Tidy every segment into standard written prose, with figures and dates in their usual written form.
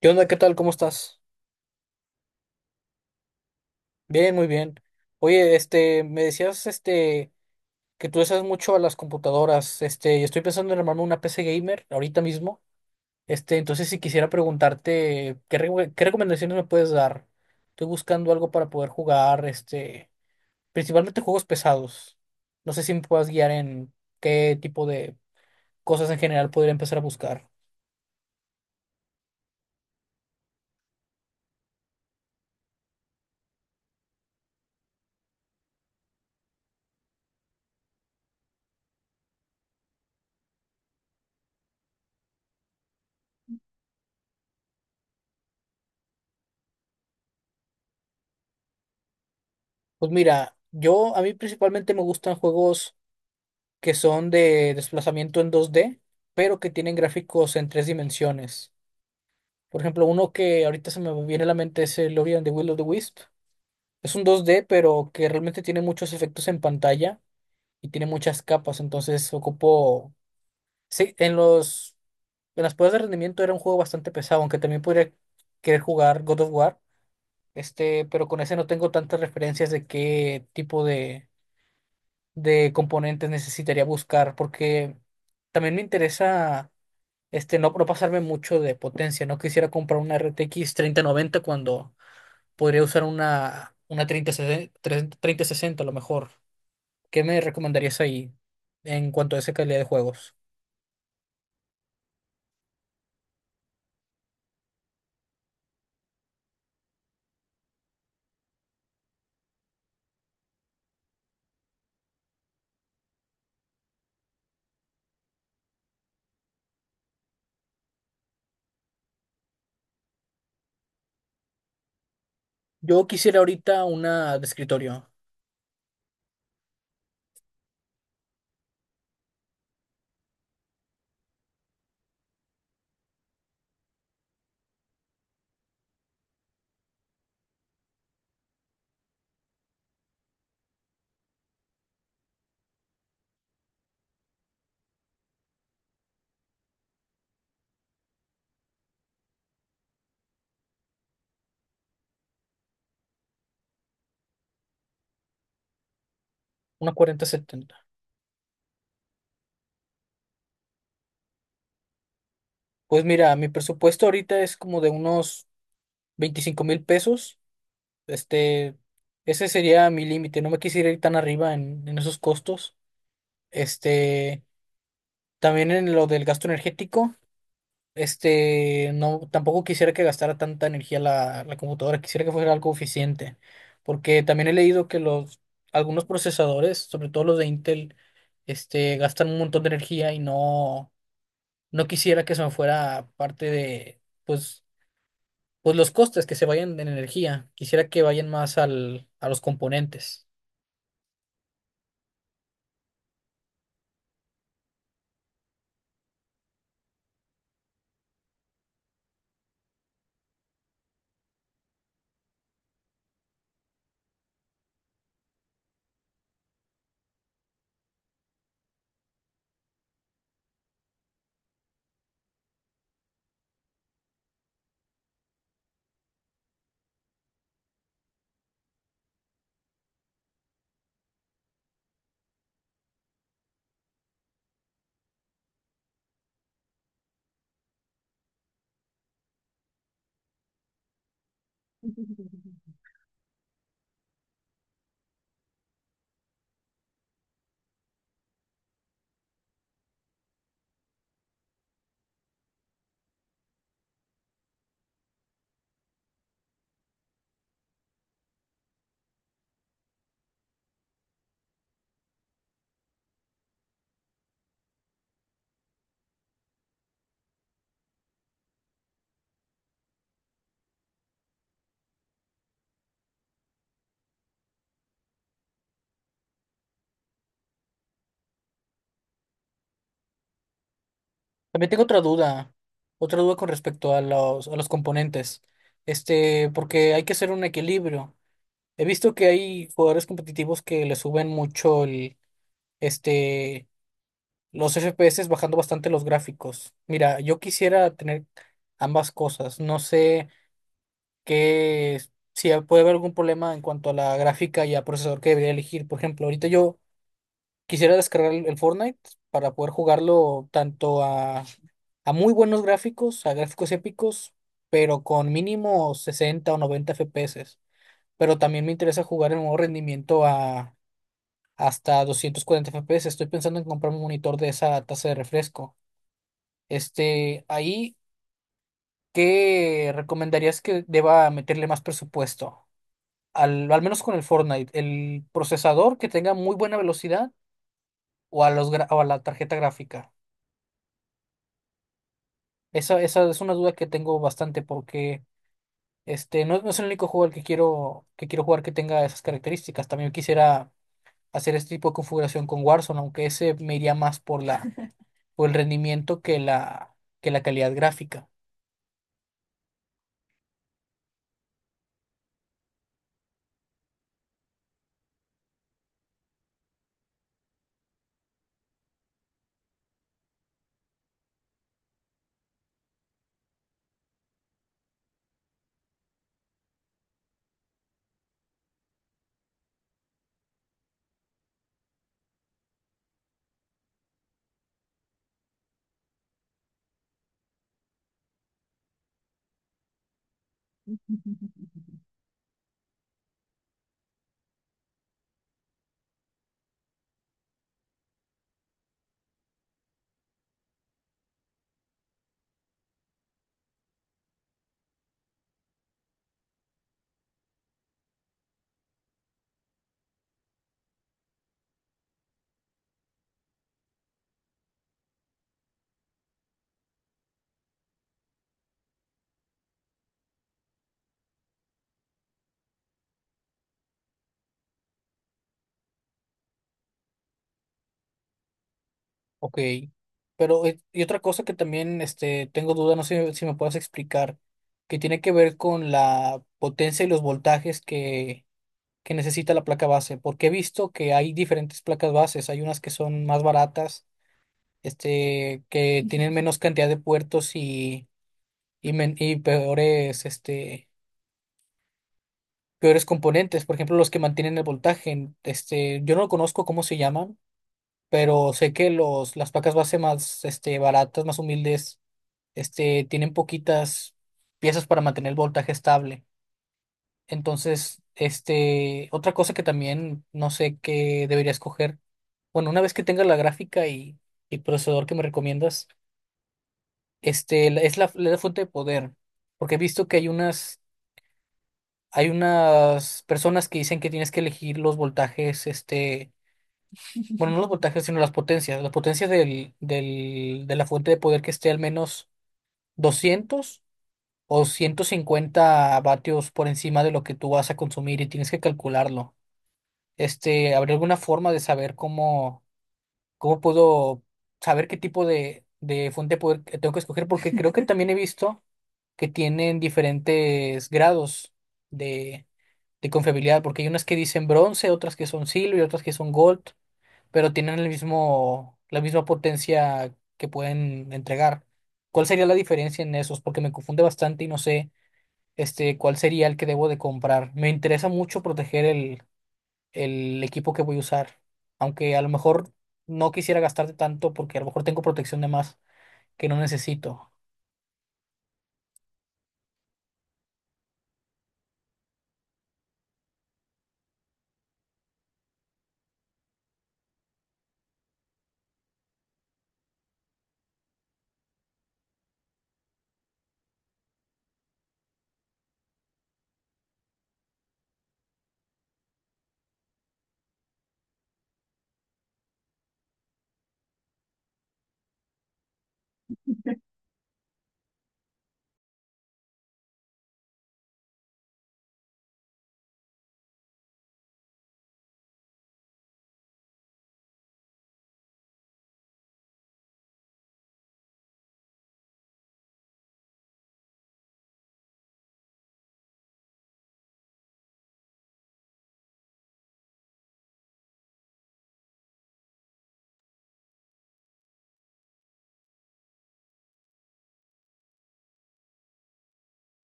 ¿Qué onda? ¿Qué tal? ¿Cómo estás? Bien, muy bien. Oye, me decías, que tú usas mucho a las computadoras, y estoy pensando en armarme una PC gamer ahorita mismo, entonces si quisiera preguntarte, ¿ qué recomendaciones me puedes dar? Estoy buscando algo para poder jugar, principalmente juegos pesados. No sé si me puedas guiar en qué tipo de cosas en general podría empezar a buscar. Pues mira, a mí principalmente me gustan juegos que son de desplazamiento en 2D pero que tienen gráficos en 3 dimensiones. Por ejemplo, uno que ahorita se me viene a la mente es el Ori and the Will of the Wisp. Es un 2D pero que realmente tiene muchos efectos en pantalla y tiene muchas capas, entonces ocupó. Sí, en los. En las pruebas de rendimiento era un juego bastante pesado, aunque también podría querer jugar God of War, pero con ese no tengo tantas referencias de qué tipo de componentes necesitaría buscar, porque también me interesa no pasarme mucho de potencia. No quisiera comprar una RTX 90 cuando podría usar una 3060, 3060 a lo mejor. ¿Qué me recomendarías ahí en cuanto a esa calidad de juegos? Yo quisiera ahorita una de escritorio, una 4070. Pues mira, mi presupuesto ahorita es como de unos $25,000. Este, ese sería mi límite. No me quisiera ir tan arriba en esos costos. Este, también en lo del gasto energético. Tampoco quisiera que gastara tanta energía la computadora, quisiera que fuera algo eficiente, porque también he leído que algunos procesadores, sobre todo los de Intel, gastan un montón de energía y no quisiera que se me fuera parte de, pues, pues los costes que se vayan en energía, quisiera que vayan más a los componentes. También tengo otra duda con respecto a a los componentes, porque hay que hacer un equilibrio. He visto que hay jugadores competitivos que le suben mucho este, los FPS bajando bastante los gráficos. Mira, yo quisiera tener ambas cosas. No sé qué, si puede haber algún problema en cuanto a la gráfica y a procesador que debería elegir. Por ejemplo, ahorita yo quisiera descargar el Fortnite para poder jugarlo tanto a muy buenos gráficos, a gráficos épicos, pero con mínimo 60 o 90 FPS. Pero también me interesa jugar en nuevo rendimiento a hasta 240 FPS. Estoy pensando en comprar un monitor de esa tasa de refresco. Ahí, ¿qué recomendarías que deba meterle más presupuesto? Al menos con el Fortnite, el procesador que tenga muy buena velocidad o a los o a la tarjeta gráfica. Esa es una duda que tengo bastante porque no es el único juego al que quiero jugar que tenga esas características. También quisiera hacer este tipo de configuración con Warzone, aunque ese me iría más por la o el rendimiento que que la calidad gráfica. Ok. Pero, y otra cosa que también tengo duda, no sé si me puedas explicar, que tiene que ver con la potencia y los voltajes que necesita la placa base. Porque he visto que hay diferentes placas bases. Hay unas que son más baratas, que tienen menos cantidad de puertos y, y peores, peores componentes. Por ejemplo, los que mantienen el voltaje. Yo no lo conozco cómo se llaman pero sé que las pacas base más baratas, más humildes, tienen poquitas piezas para mantener el voltaje estable. Entonces, otra cosa que también no sé qué debería escoger, bueno, una vez que tenga la gráfica y procesador que me recomiendas, es la fuente de poder, porque he visto que hay unas personas que dicen que tienes que elegir los voltajes, bueno, no los voltajes, sino las potencias. Las potencias de la fuente de poder que esté al menos 200 o 150 W por encima de lo que tú vas a consumir y tienes que calcularlo. ¿Habría alguna forma de saber cómo, cómo puedo saber qué tipo de fuente de poder que tengo que escoger? Porque creo que también he visto que tienen diferentes grados de, de confiabilidad, porque hay unas que dicen bronce, otras que son silver, otras que son gold pero tienen el mismo, la misma potencia que pueden entregar. ¿Cuál sería la diferencia en esos? Porque me confunde bastante y no sé, cuál sería el que debo de comprar. Me interesa mucho proteger el equipo que voy a usar, aunque a lo mejor no quisiera gastarte tanto porque a lo mejor tengo protección de más que no necesito.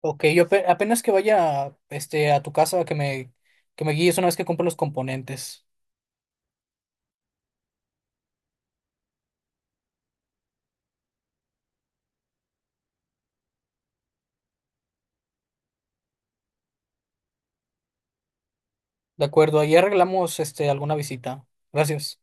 Ok, yo apenas que vaya, a tu casa que me guíes una vez que compre los componentes. De acuerdo, ahí arreglamos, alguna visita. Gracias.